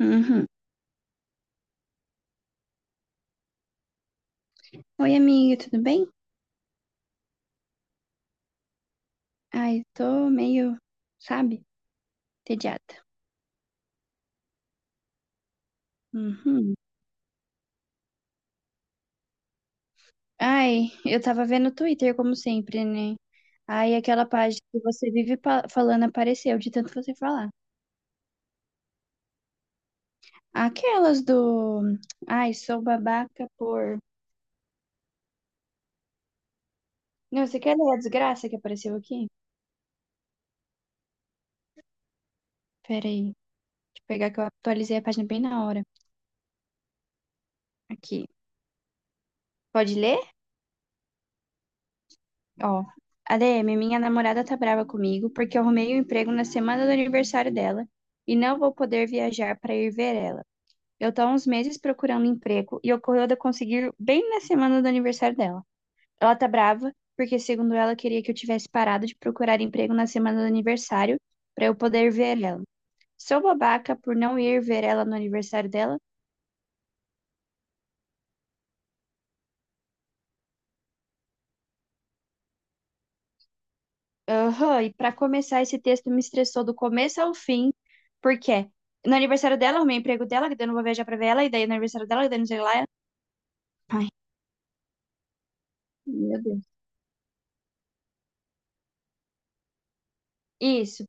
Uhum. Oi, amiga, tudo bem? Ai, tô meio, sabe, entediada. Uhum. Ai, eu tava vendo o Twitter, como sempre, né? Ai, aquela página que você vive falando apareceu, de tanto você falar. Aquelas do. Ai, sou babaca por. Não, você quer ler a desgraça que apareceu aqui? Peraí, deixa eu pegar que eu atualizei a página bem na hora. Aqui. Pode ler? Ó, ADM, minha namorada tá brava comigo porque eu arrumei um emprego na semana do aniversário dela e não vou poder viajar pra ir ver ela. Eu tô há uns meses procurando emprego e ocorreu de eu conseguir bem na semana do aniversário dela. Ela tá brava porque, segundo ela, queria que eu tivesse parado de procurar emprego na semana do aniversário pra eu poder ver ela. Sou babaca por não ir ver ela no aniversário dela? Aham, e para começar, esse texto me estressou do começo ao fim, porque no aniversário dela, eu arrumei emprego dela, que daí eu não vou viajar pra ver ela, e daí no aniversário dela, que daí não sei lá. Ai, meu Deus. Isso.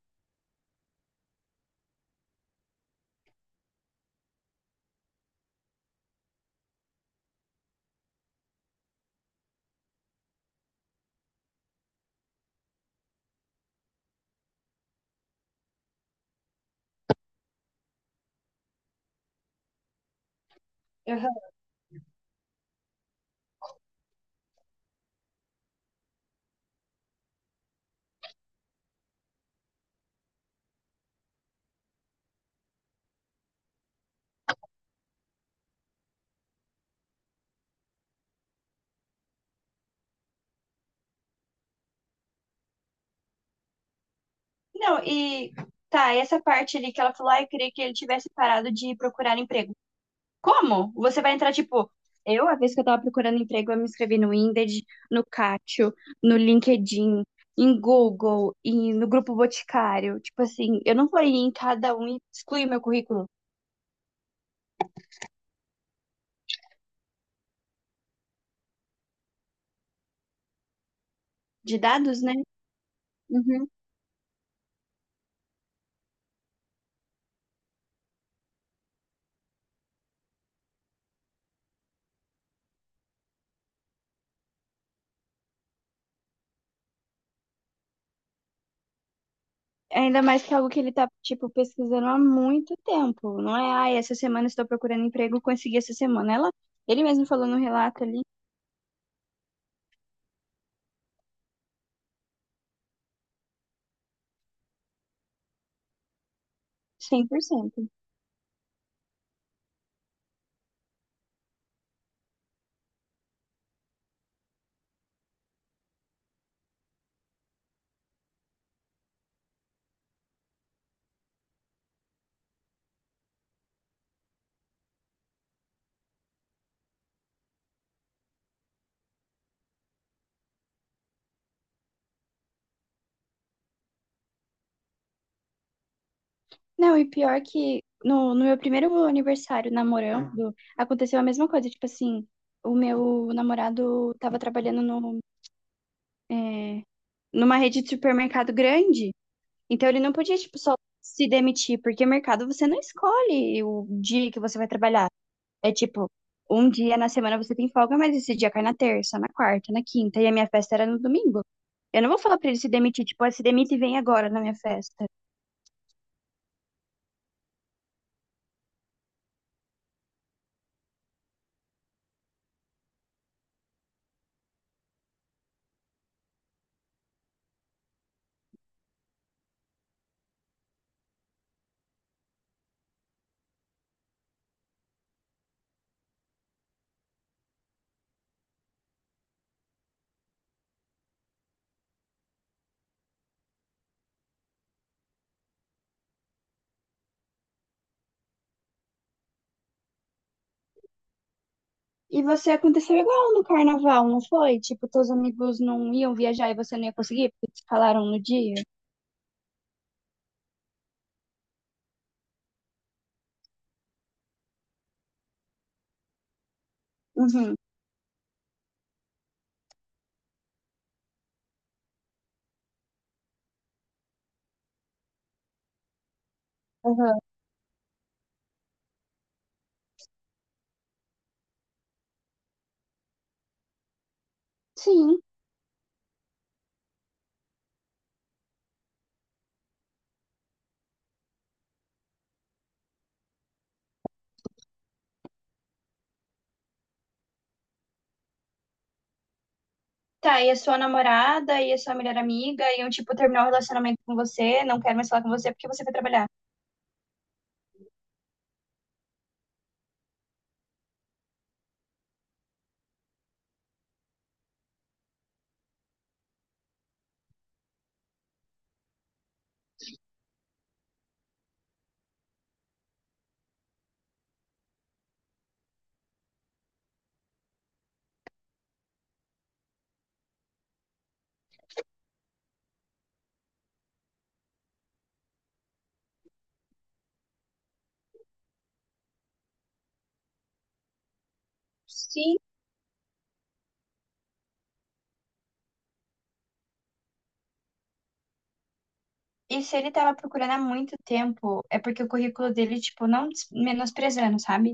Aham. Não, e tá, essa parte ali que ela falou, ah, eu queria que ele tivesse parado de procurar emprego. Como? Você vai entrar, tipo, eu, a vez que eu tava procurando emprego, eu me inscrevi no Indeed, no Catio, no LinkedIn, em Google e no Grupo Boticário. Tipo assim, eu não vou ir em cada um e excluir meu currículo. De dados, né? Uhum. Ainda mais que é algo que ele tá, tipo, pesquisando há muito tempo. Não é, ai, essa semana estou procurando emprego, consegui essa semana. Ele mesmo falou no relato ali, 100%. Não, e pior que no meu primeiro aniversário namorando, aconteceu a mesma coisa. Tipo assim, o meu namorado tava trabalhando no, é, numa rede de supermercado grande, então ele não podia, tipo, só se demitir, porque mercado você não escolhe o dia que você vai trabalhar. É tipo, um dia na semana você tem folga, mas esse dia cai na terça, na quarta, na quinta. E a minha festa era no domingo. Eu não vou falar pra ele se demitir, tipo, "Ah, se demite e vem agora na minha festa. E você aconteceu igual no carnaval, não foi? Tipo, teus amigos não iam viajar e você não ia conseguir porque te falaram no dia? Uhum, uhum. Sim. Tá, e a sua namorada e a sua melhor amiga iam, tipo, terminar o relacionamento com você, não quero mais falar com você porque você vai trabalhar. Sim. E se ele tava procurando há muito tempo, é porque o currículo dele, tipo, não des- menosprezando, sabe?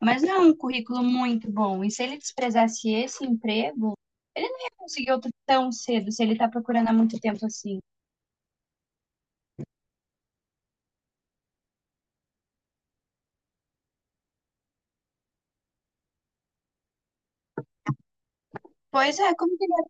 Mas não é um currículo muito bom. E se ele desprezasse esse emprego, ele não ia conseguir outro tão cedo, se ele tá procurando há muito tempo assim. Pois é, como que ele vai.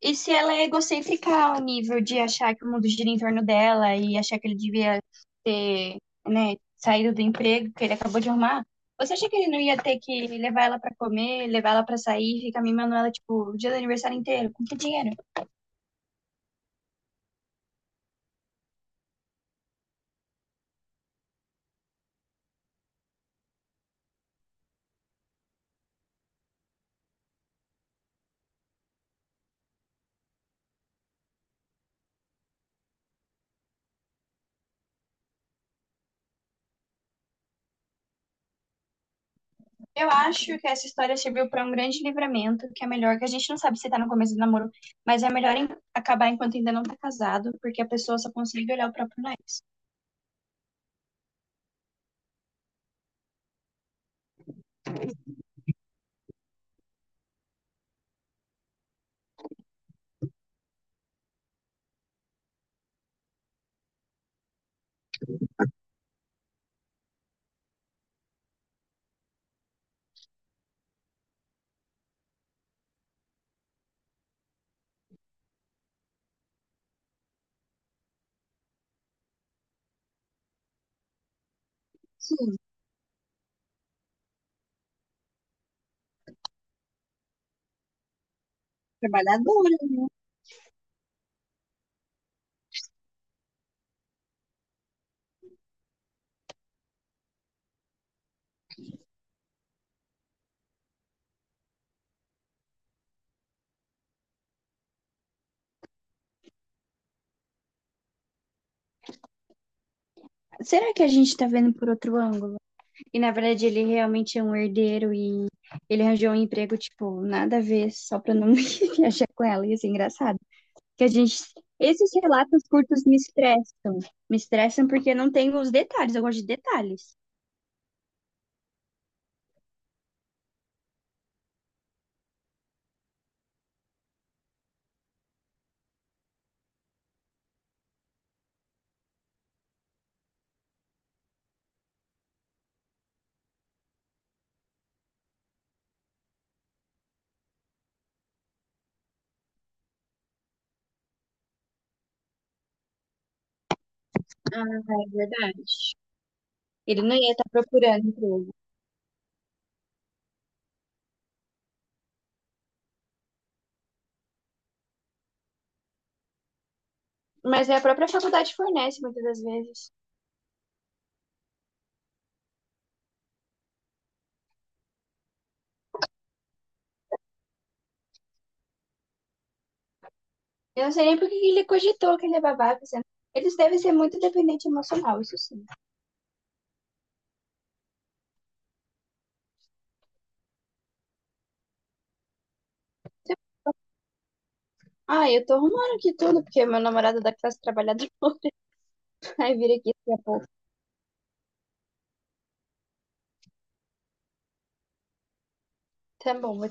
E se ela é egocêntrica ao nível de achar que o mundo gira em torno dela e achar que ele devia ter, né, saído do emprego que ele acabou de arrumar, você acha que ele não ia ter que levar ela pra comer, levar ela pra sair, ficar mimando ela, tipo, o dia do aniversário inteiro, com que dinheiro? Eu acho que essa história serviu pra um grande livramento, que é melhor, que a gente não sabe se tá no começo do namoro, mas é melhor acabar enquanto ainda não tá casado, porque a pessoa só consegue olhar o próprio nariz. Sim, trabalhadora, né? Será que a gente tá vendo por outro ângulo? E na verdade ele realmente é um herdeiro e ele arranjou um emprego, tipo, nada a ver, só pra não viajar com ela. E isso é engraçado. Que a gente. Esses relatos curtos me estressam. Me estressam porque não tem os detalhes, eu gosto de detalhes. Ah, é verdade. Ele não ia estar procurando emprego. Mas é a própria faculdade fornece muitas das vezes. Eu não sei nem por que ele cogitou que ele é babaca, sendo. Eles devem ser muito dependente emocional, isso sim. Ah, eu tô arrumando aqui tudo, porque meu namorado é da classe trabalhadora vai vir aqui daqui a pouco. Tamam